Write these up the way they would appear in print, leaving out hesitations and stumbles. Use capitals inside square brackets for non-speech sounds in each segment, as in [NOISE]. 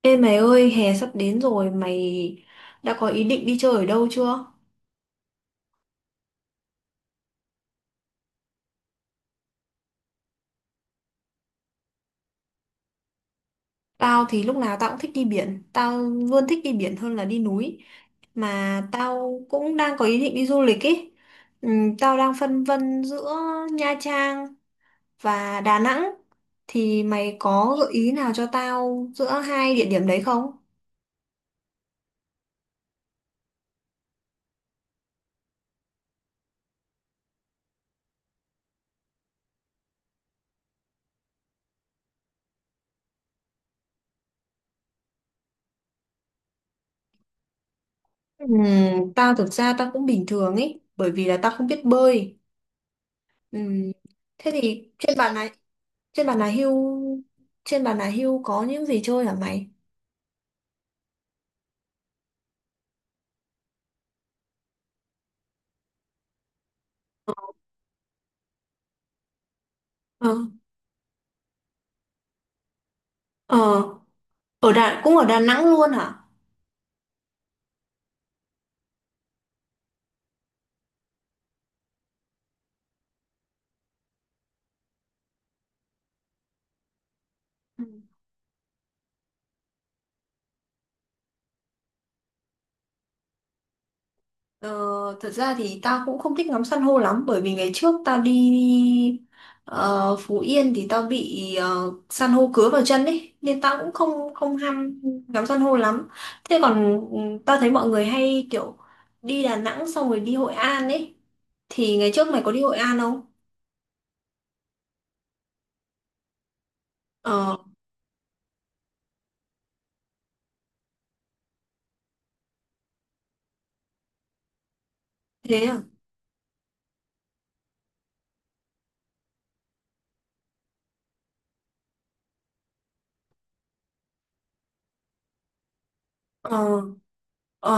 Ê mày ơi, hè sắp đến rồi, mày đã có ý định đi chơi ở đâu chưa? Tao thì lúc nào tao cũng thích đi biển, tao luôn thích đi biển hơn là đi núi. Mà tao cũng đang có ý định đi du lịch ý. Tao đang phân vân giữa Nha Trang và Đà Nẵng. Thì mày có gợi ý nào cho tao giữa hai địa điểm đấy không? Ừm, tao thực ra Tao cũng bình thường ý, bởi vì là tao không biết bơi. Ừm, Thế thì trên bàn là hưu trên bàn là hưu có những gì chơi hả mày? Ờ, ờ, Ở Đà cũng ở Đà Nẵng luôn hả? Ừ. Ờ, thật ra thì tao cũng không thích ngắm san hô lắm bởi vì ngày trước tao đi ờ, Phú Yên thì tao bị san hô cứa vào chân ấy nên tao cũng không không ham ngắm san hô lắm. Thế còn tao thấy mọi người hay kiểu đi Đà Nẵng xong rồi đi Hội An ấy, thì ngày trước mày có đi Hội An không? Ờ, thế à? Ờ. Ờ.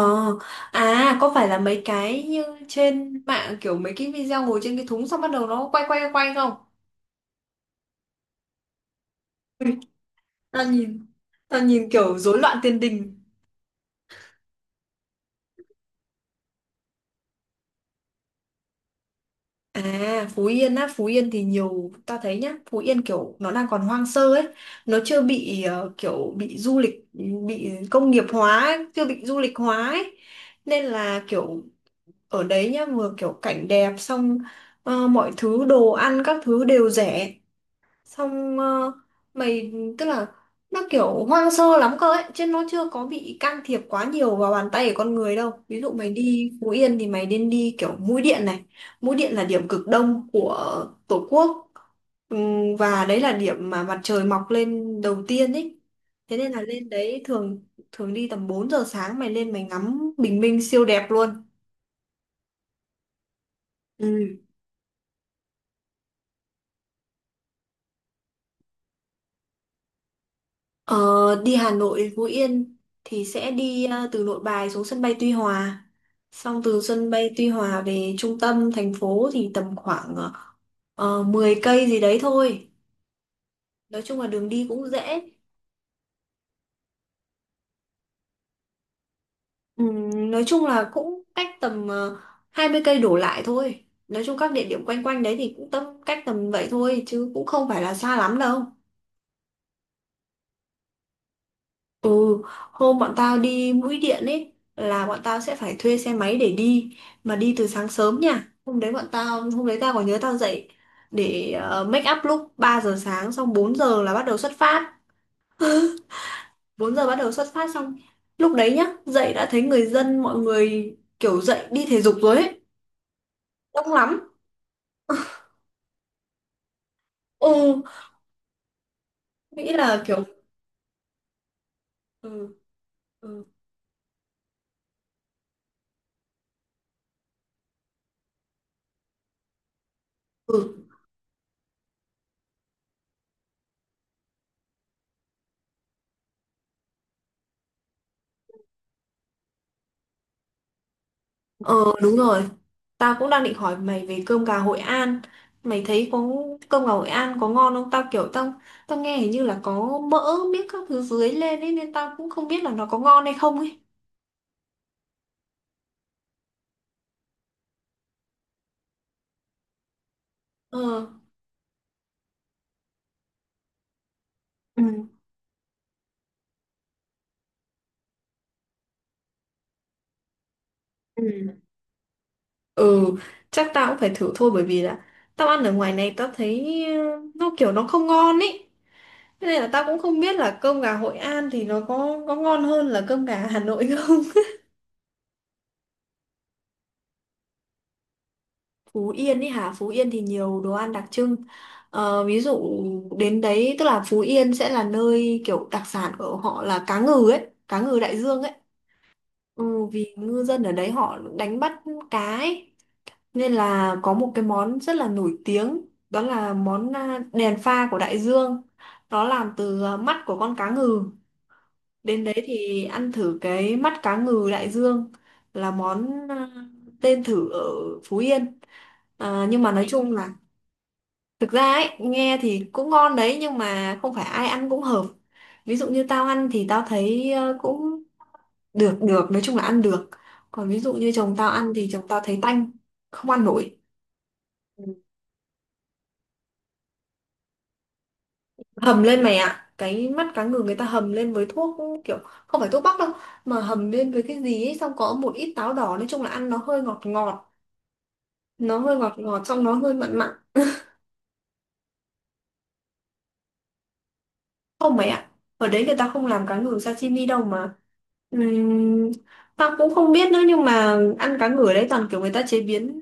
À, có phải là mấy cái như trên mạng kiểu mấy cái video ngồi trên cái thúng xong bắt đầu nó quay quay quay không? Ui, tao nhìn tao nhìn kiểu rối loạn tiền đình. À, Phú Yên á, Phú Yên thì nhiều ta thấy nhá, Phú Yên kiểu nó đang còn hoang sơ ấy, nó chưa bị kiểu bị du lịch bị công nghiệp hóa ấy, chưa bị du lịch hóa ấy. Nên là kiểu ở đấy nhá, vừa kiểu cảnh đẹp, xong mọi thứ đồ ăn các thứ đều rẻ, xong ờ, mày tức là nó kiểu hoang sơ lắm cơ ấy, chứ nó chưa có bị can thiệp quá nhiều vào bàn tay của con người đâu. Ví dụ mày đi Phú Yên thì mày nên đi kiểu mũi Điện này, mũi Điện là điểm cực đông của Tổ quốc. Và đấy là điểm mà mặt trời mọc lên đầu tiên ấy, thế nên là lên đấy thường thường đi tầm 4 giờ sáng mày lên mày ngắm bình minh siêu đẹp luôn. Ừ. Ờ, đi Hà Nội, Phú Yên thì sẽ đi từ Nội Bài xuống sân bay Tuy Hòa. Xong từ sân bay Tuy Hòa về trung tâm thành phố thì tầm khoảng 10 cây gì đấy thôi. Nói chung là đường đi cũng dễ. Nói chung là cũng cách tầm 20 cây đổ lại thôi. Nói chung các địa điểm quanh quanh đấy thì cũng tầm cách tầm vậy thôi chứ cũng không phải là xa lắm đâu. Ừ, hôm bọn tao đi Mũi Điện ấy là bọn tao sẽ phải thuê xe máy để đi, mà đi từ sáng sớm nha. Hôm đấy tao còn nhớ tao dậy để make up lúc 3 giờ sáng, xong 4 giờ là bắt đầu xuất phát. 4 giờ bắt đầu xuất phát, xong lúc đấy nhá, dậy đã thấy người dân mọi người kiểu dậy đi thể dục rồi ấy, đông lắm. Ừ, nghĩ là kiểu ừ ừ ừ. Ờ, đúng rồi. Tao cũng đang định hỏi mày về cơm gà Hội An. Mày thấy có cơm gà Hội An có ngon không? Tao kiểu tao tao nghe hình như là có mỡ miếc các thứ dưới lên ấy nên tao cũng không biết là nó có ngon hay không ấy. Ờ. Ừ. Ừ. Ừ, chắc tao cũng phải thử thôi bởi vì là tao ăn ở ngoài này tao thấy nó kiểu nó không ngon ấy. Thế nên là tao cũng không biết là cơm gà Hội An thì nó có ngon hơn là cơm gà Hà Nội không. Phú Yên ấy hả? Phú Yên thì nhiều đồ ăn đặc trưng. Ờ, ví dụ đến đấy tức là Phú Yên sẽ là nơi kiểu đặc sản của họ là cá ngừ ấy, cá ngừ đại dương ấy. Ừ, vì ngư dân ở đấy họ đánh bắt cá ấy. Nên là có một cái món rất là nổi tiếng, đó là món à, đèn pha của đại dương. Nó làm từ à, mắt của con cá ngừ. Đến đấy thì ăn thử cái mắt cá ngừ đại dương là món à, tên thử ở Phú Yên. À, nhưng mà nói chung là thực ra ấy, nghe thì cũng ngon đấy nhưng mà không phải ai ăn cũng hợp. Ví dụ như tao ăn thì tao thấy cũng được được, nói chung là ăn được. Còn ví dụ như chồng tao ăn thì chồng tao thấy tanh, không ăn nổi. Ừ. Hầm lên mày ạ, cái mắt cá ngừ người ta hầm lên với thuốc, kiểu không phải thuốc bắc đâu mà hầm lên với cái gì ấy, xong có một ít táo đỏ, nói chung là ăn nó hơi ngọt ngọt, nó hơi ngọt ngọt xong nó hơi mặn mặn. Không mày ạ, ở đấy người ta không làm cá ngừ sashimi đâu mà. Ừm, Tao cũng không biết nữa nhưng mà ăn cá ngừ ở đấy toàn kiểu người ta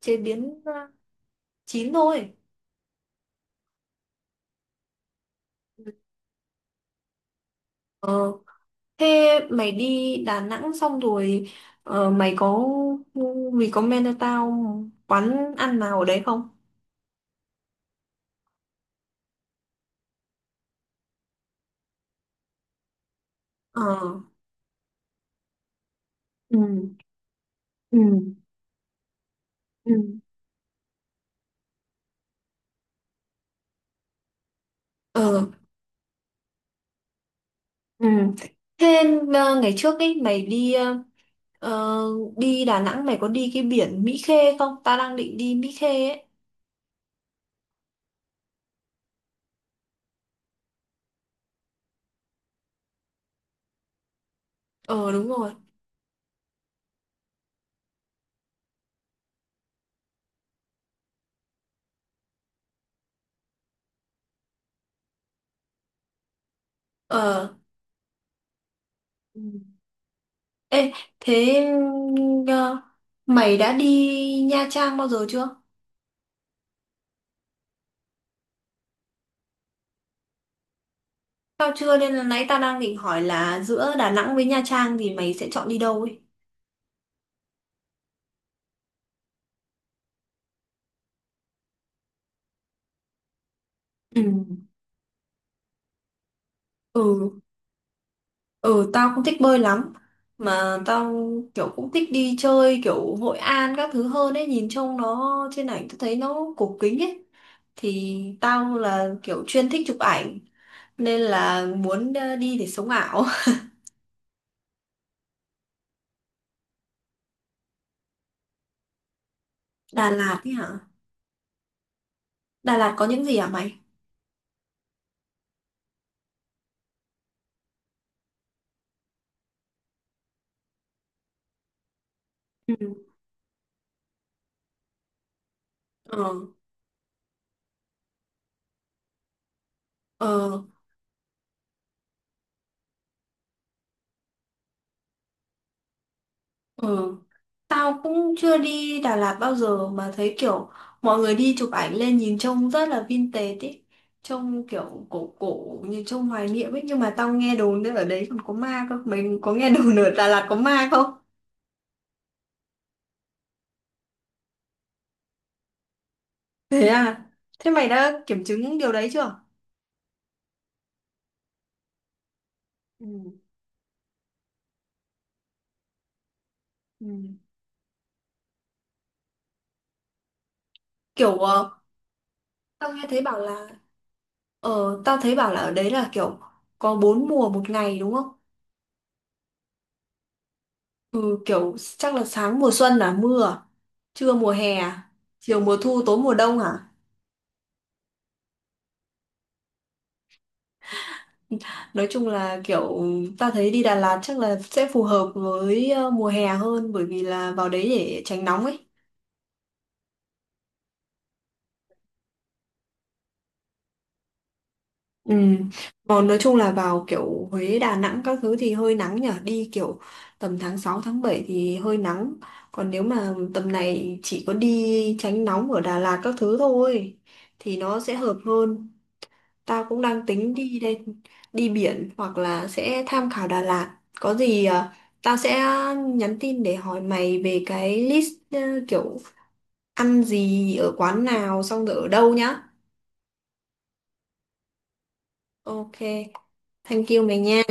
chế biến chín thôi. Ờ, thế mày đi Đà Nẵng xong rồi ờ, mày có mày có men cho tao quán ăn nào ở đấy không? Ờ. Ừ. Ừ. Ừ. Ờ. Ừ. Thế ngày trước ấy mày đi ờ, đi Đà Nẵng mày có đi cái biển Mỹ Khê không? Ta đang định đi Mỹ Khê ấy. Ờ đúng rồi. Ờ. Ừ. Ê, thế ừ, ờ, mày đã đi Nha Trang bao giờ chưa? Tao chưa, nên là nãy ta đang định hỏi là giữa Đà Nẵng với Nha Trang thì mày sẽ chọn đi đâu ấy? Ừ. Ừ. Ừ, tao không thích bơi lắm, mà tao kiểu cũng thích đi chơi kiểu Hội An các thứ hơn ấy, nhìn trông nó trên ảnh tao thấy nó cổ kính ấy, thì tao là kiểu chuyên thích chụp ảnh nên là muốn đi để sống ảo. [LAUGHS] Đà Lạt ấy hả? Đà Lạt có những gì hả mày? Ừ. ờ ờ ờ. Tao cũng chưa đi Đà Lạt bao giờ mà thấy kiểu mọi người đi chụp ảnh lên nhìn trông rất là vintage ý. Trông kiểu cổ cổ như trông hoài niệm ấy, nhưng mà tao nghe đồn nữa ở đấy còn có ma cơ. Mình có nghe [LAUGHS] đồn ở Đà Lạt có ma không? Thế à? Thế mày đã kiểm chứng điều đấy chưa? Ừ. Ừ. Kiểu tao nghe thấy bảo là tao thấy bảo là ở đấy là kiểu có bốn mùa một ngày đúng không? Ừ, kiểu chắc là sáng mùa xuân là mưa, à? Trưa mùa hè, à? Chiều mùa thu, tối mùa đông hả? Nói chung là kiểu ta thấy đi Đà Lạt chắc là sẽ phù hợp với mùa hè hơn, bởi vì là vào đấy để tránh nóng ấy. Ừ. Còn nói chung là vào kiểu Huế, Đà Nẵng các thứ thì hơi nắng nhở. Đi kiểu tầm tháng 6 tháng 7 thì hơi nắng. Còn nếu mà tầm này chỉ có đi tránh nóng ở Đà Lạt các thứ thôi thì nó sẽ hợp hơn. Tao cũng đang tính đi đây, đi biển hoặc là sẽ tham khảo Đà Lạt. Có gì à, tao sẽ nhắn tin để hỏi mày về cái list kiểu ăn gì ở quán nào xong rồi ở đâu nhá. Ok, thank you mày nha.